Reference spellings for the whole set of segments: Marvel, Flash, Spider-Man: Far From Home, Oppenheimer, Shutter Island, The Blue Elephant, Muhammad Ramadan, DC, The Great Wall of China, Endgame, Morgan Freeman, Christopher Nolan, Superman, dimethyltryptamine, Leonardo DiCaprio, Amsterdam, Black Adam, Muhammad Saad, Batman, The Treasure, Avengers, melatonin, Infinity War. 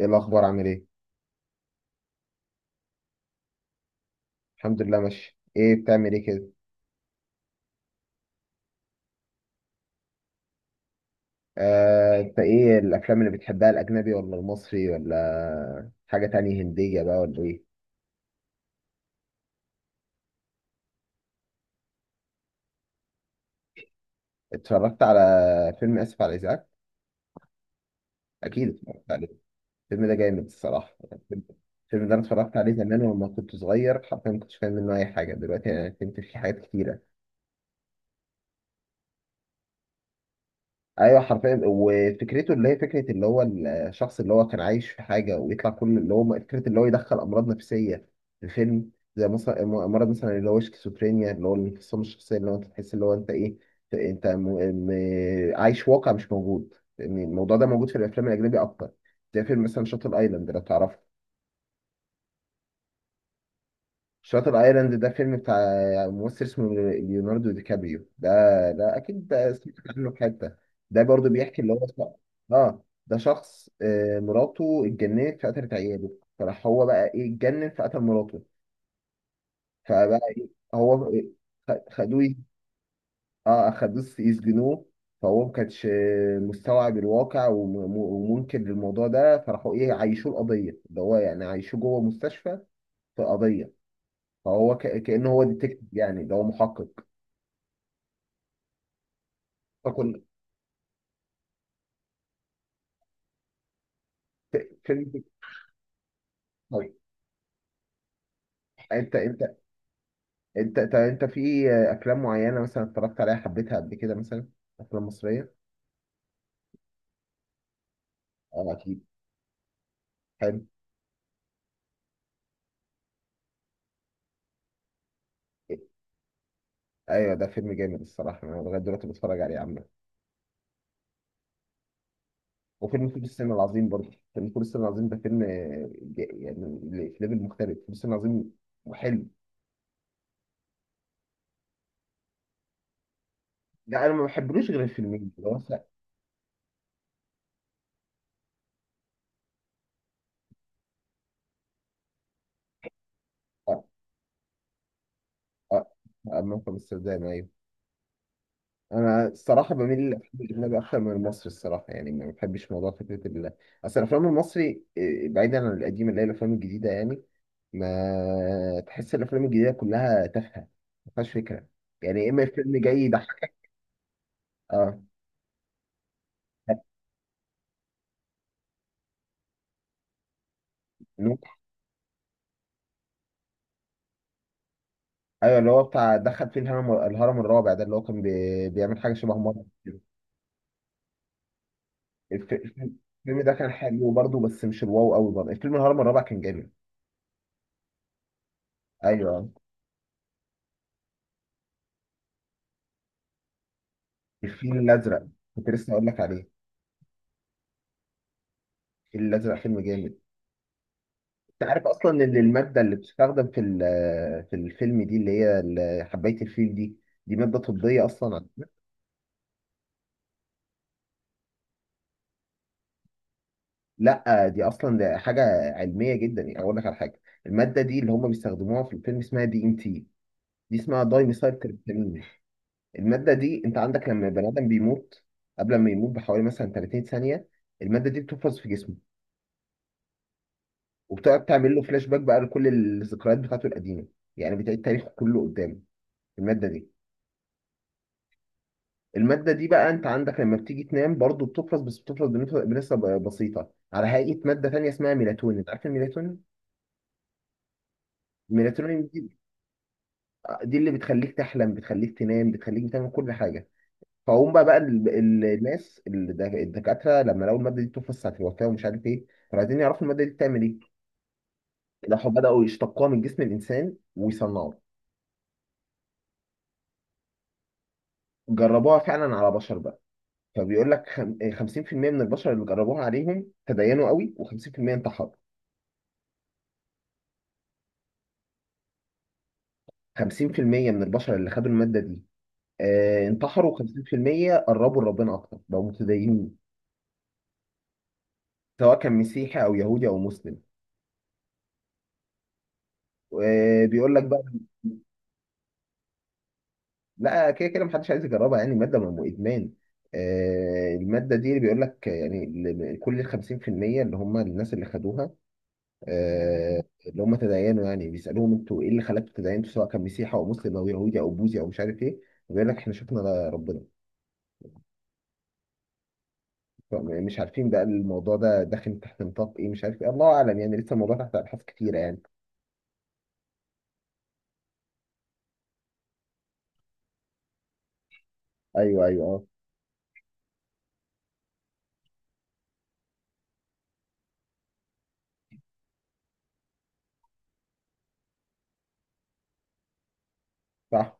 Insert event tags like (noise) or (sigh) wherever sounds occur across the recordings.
ايه الاخبار عامل ايه؟ الحمد لله ماشي. ايه بتعمل ايه كده؟ انت ايه الافلام اللي بتحبها، الاجنبي ولا المصري ولا حاجه تانية هنديه بقى ولا ايه؟ اتفرجت على فيلم اسف على الازعاج؟ اكيد اتفرجت عليه. الفيلم ده جامد الصراحه. الفيلم ده انا اتفرجت عليه زمان ولما كنت صغير حرفيا ما كنتش فاهم منه اي حاجه، دلوقتي انا فهمت فيه حاجات كتيره. ايوه حرفيا، وفكرته اللي هي فكره اللي هو الشخص اللي هو كان عايش في حاجه ويطلع كل اللي هو فكره اللي هو يدخل امراض نفسيه في الفيلم، زي مثلا مرض مثلا اللي هو شيزوفرينيا اللي هو الانفصام الشخصيه اللي هو انت تحس اللي هو انت ايه. انت م... م... عايش واقع مش موجود، يعني الموضوع ده موجود في الافلام الاجنبي اكتر. زي فيلم مثلا شاتل ايلاند، لو تعرفه. شاتر ايلاند ده فيلم بتاع ممثل اسمه ليوناردو دي كابريو، ده ده اكيد ده سمعت عنه في حته. ده برضو بيحكي اللي هو اه ده شخص، مراته اتجننت فقتلت عياله، فراح هو بقى ايه اتجنن فقتل مراته، فبقى ايه هو. خ- خدوه ي- اه خدوه يسجنوه. فهو ما كانش مستوعب الواقع ومنكر للموضوع ده، فراحوا ايه عايشوه القضيه ده هو، يعني عايشوه جوه مستشفى في قضيه. فهو كأنه هو ديتكتيف يعني، ده هو محقق. فكنت فيلم. طيب انت انت طب انت في افلام معينه مثلا اتفرجت عليها حبيتها قبل كده مثلا؟ افلام مصريه، اه اكيد. حلو. ايوه ده فيلم جامد الصراحه، انا لغايه دلوقتي بتفرج عليه عامه. وفيلم فول الصين العظيم برضه، فيلم فول الصين العظيم ده فيلم يعني في ليفل مختلف فول الصين العظيم وحلو. لا انا ما بحبلوش غير الفيلمين اللي هو اه اه. موقف امستردام، ايوه. انا الصراحه بميل للافلام الاجنبي اكتر من المصري الصراحه، يعني ما بحبش موضوع فكره ال، اصل الافلام المصري بعيدا عن القديمه اللي هي الافلام الجديده يعني، ما تحس الافلام الجديده كلها تافهه، ما فيهاش فكره، يعني يا اما الفيلم جاي يضحك. اه نوح. ايوه اللي هو بتاع دخل فيه الهرم، الهرم الرابع ده، اللي هو كان بيعمل حاجه شبه مرة كده. الفيلم، الفيلم ده كان حلو برضه بس مش الواو قوي، برضه الفيلم الهرم الرابع كان جامد. ايوه الفيل الازرق، كنت لسه اقول لك عليه. الفيل الازرق فيلم جامد. انت عارف اصلا ان الماده اللي بتستخدم في في الفيلم دي اللي هي حبايه الفيل دي، دي ماده طبيه اصلا. لا دي اصلا ده حاجه علميه جدا، يعني اقول لك على حاجه. الماده دي اللي هم بيستخدموها في الفيلم اسمها دي ام تي، دي اسمها دايميثايل تريبتامين. الماده دي انت عندك لما البني ادم بيموت قبل ما يموت بحوالي مثلا 30 ثانيه، الماده دي بتحفظ في جسمه وبتقعد تعمل له فلاش باك بقى لكل الذكريات بتاعته القديمه، يعني بتعيد تاريخه كله قدامه، الماده دي. المادة دي بقى انت عندك لما بتيجي تنام برضو بتفرز، بس بتفرز بنسبة بسيطة على هيئة مادة تانية اسمها ميلاتونين، انت عارف الميلاتونين؟ الميلاتونين دي، دي اللي بتخليك تحلم، بتخليك تنام، بتخليك بتعمل كل حاجة. فهم بقى الناس الدكاترة لما لقوا المادة دي بتفرز ساعة الوفاة ومش عارف ايه، كانوا عايزين يعرفوا المادة دي بتعمل ايه، راحوا بدأوا يشتقوها من جسم الإنسان ويصنعوها. جربوها فعلا على بشر بقى، فبيقول لك 50% من البشر اللي جربوها عليهم تدينوا قوي و50% انتحروا. 50% من البشر اللي خدوا المادة دي انتحروا، 50% قربوا لربنا أكتر بقوا متدينين، سواء كان مسيحي أو يهودي أو مسلم. بيقول لك بقى، لا كده كده محدش عايز يجربها يعني، المادة ما إدمان. المادة دي اللي بيقول لك يعني كل ال 50% اللي هم الناس اللي خدوها اللي هم تدينوا، يعني بيسألوهم انتوا ايه اللي خلاكم تدينتوا سواء كان مسيحي أو مسلم أو يهودي أو بوذي أو مش عارف ايه، بيقول لك احنا شفنا ربنا. مش عارفين بقى الموضوع ده داخل تحت نطاق ايه مش عارف ايه، الله اعلم يعني، لسه الموضوع تحت ابحاث كتيره يعني. ايوه ايوه اه. صح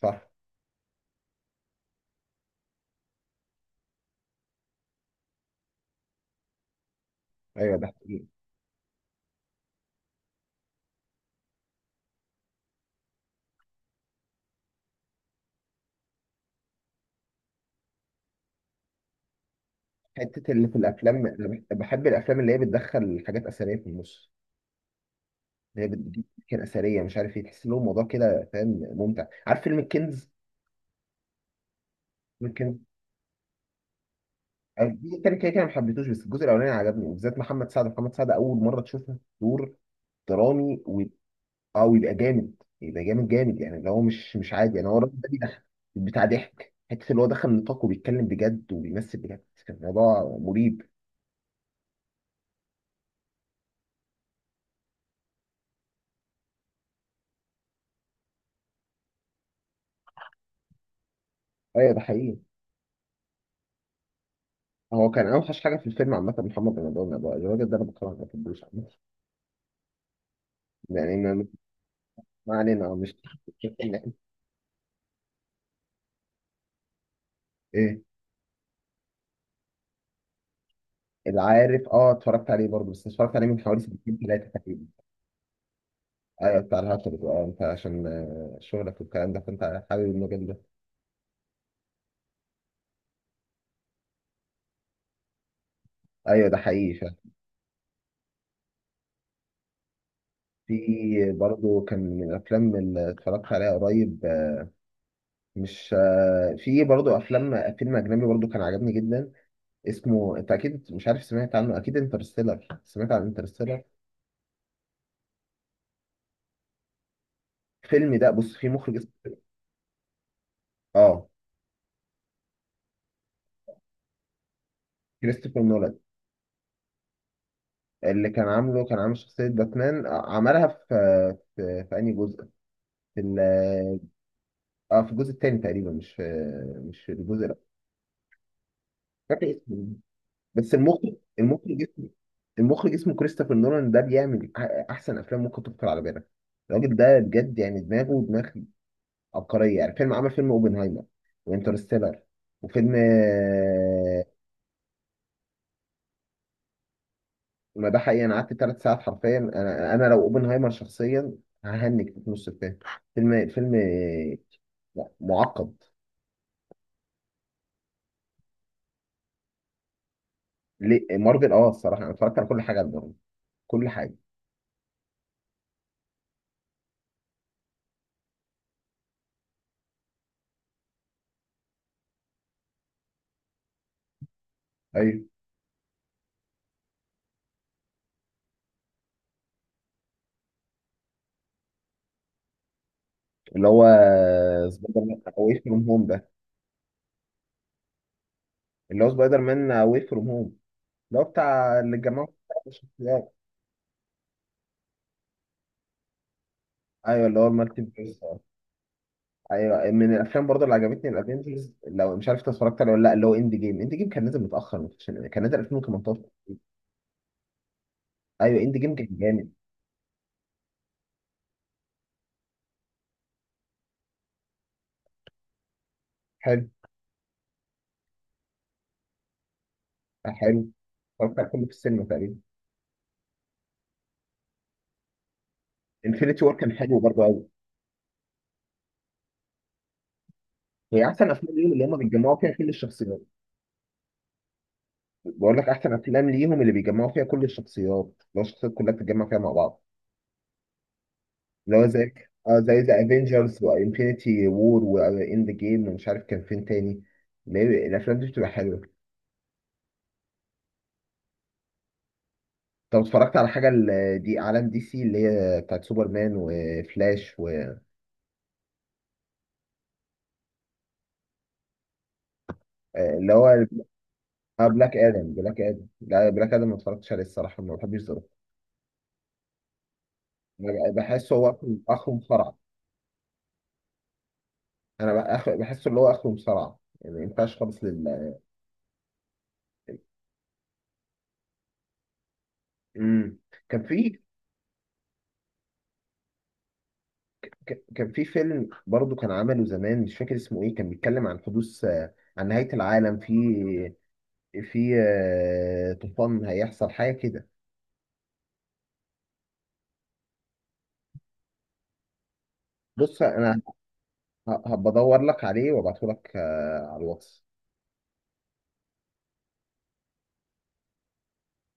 صح. ايوه ده حقيقي. حته اللي في الافلام أنا بحب الافلام اللي هي بتدخل حاجات اثريه في النص، اللي هي بتجيب كان اثريه مش عارف ايه، تحس لهم الموضوع كده، فاهم، ممتع. عارف فيلم الكنز؟ فيلم الكنز، الجزء التاني كده كده ما حبيتهوش، بس الجزء الاولاني عجبني، بالذات محمد سعد اول مره تشوفه دور درامي. اه ويبقى جامد، يبقى جامد جامد يعني، اللي هو مش مش عادي يعني، هو الراجل ده بيضحك، بتاع ضحك، حته اللي هو دخل نطاق وبيتكلم بجد وبيمثل بجد، كان الموضوع مريب. ايوه ده حقيقي. هو كان اوحش حاجه في الفيلم عامه محمد رمضان، الراجل ده انا بكرهه ما بحبوش عامة. يعني ما، ما علينا، مش. (laughs) ايه العارف؟ اه اتفرجت عليه برضه، بس اتفرجت عليه من حوالي 2 3 تقريبا. ايوه بتاع الهاتف، اه انت عشان شغلك والكلام ده فانت حابب المجال ده. ايوه ده حقيقي. في برضو كان من الافلام اللي اتفرجت عليها قريب آه، مش آه، في برضو افلام، فيلم اجنبي برضو كان عجبني جدا اسمه، انت اكيد مش عارف، سمعت عنه اكيد انترستيلر، سمعت عن انترستيلر؟ الفيلم ده بص فيه مخرج اسمه اه كريستوفر نولان. اللي كان عامله كان عامل شخصية باتمان، عملها في في انهي جزء، في ال اه في الجزء الثاني تقريبا، مش في مش في الجزء ده، مش فاكر اسمه. بس المخرج، المخرج اسمه، المخرج اسمه كريستوفر نولان، ده بيعمل احسن افلام ممكن تخطر على بالك. الراجل ده بجد يعني دماغه دماغ عبقريه، يعني فيلم، عمل فيلم اوبنهايمر وانترستيلر وفيلم ما ده حقيقي، انا قعدت 3 ساعات حرفيا، انا انا لو اوبنهايمر شخصيا ههنج في نص الفيلم. فيلم فيلم لا، معقد. ليه مارفل؟ اه الصراحه انا اتفرجت على كل حاجه لمارفل، كل حاجه. ايوه اللي هو سبايدر مان اواي فروم هوم ده، اللي هو سبايدر مان واي فروم هوم اللي هو بتاع اللي جمعوا الشخصيات. ايوه اللي هو المالتي فيرس. ايوه من الافلام برضه اللي عجبتني الافينجرز، لو مش عارف انت اتفرجت عليه ولا لا، اللي هو اند جيم، اند جيم كان نازل متاخر، كان نازل 2018. ايوه اند جيم كان جامد. حلو. حلو. اتفرجت على كله في السينما تقريبا. انفينيتي وور كان حلو برضه قوي. هي احسن افلام ليهم اللي هم بيتجمعوا فيها كل الشخصيات. بقول لك احسن افلام ليهم اللي بيجمعوا فيها كل الشخصيات، لو الشخصيات كلها بتتجمع فيها مع بعض، اللي هو زي، اه زي ذا افنجرز وانفينيتي وور واند جيم ومش عارف كان فين تاني، اللي هي الافلام دي بتبقى حلوه. طب اتفرجت على حاجه دي عالم دي سي اللي هي بتاعت سوبرمان وفلاش و آه، اللي هو اه بلاك ادم، لا بلاك ادم ما اتفرجتش عليه الصراحه، ما بحبش ذوقه. انا بحسه هو اخره آخره مصارعه. انا بحسه اللي هو اخره مصارعه، يعني ما ينفعش خالص لل، مم. كان في كان في فيلم برضه كان عمله زمان مش فاكر اسمه ايه، كان بيتكلم عن حدوث عن نهاية العالم في، في طوفان هيحصل حاجة كده. بص انا هبقى ادور لك عليه وابعته لك على الواتس.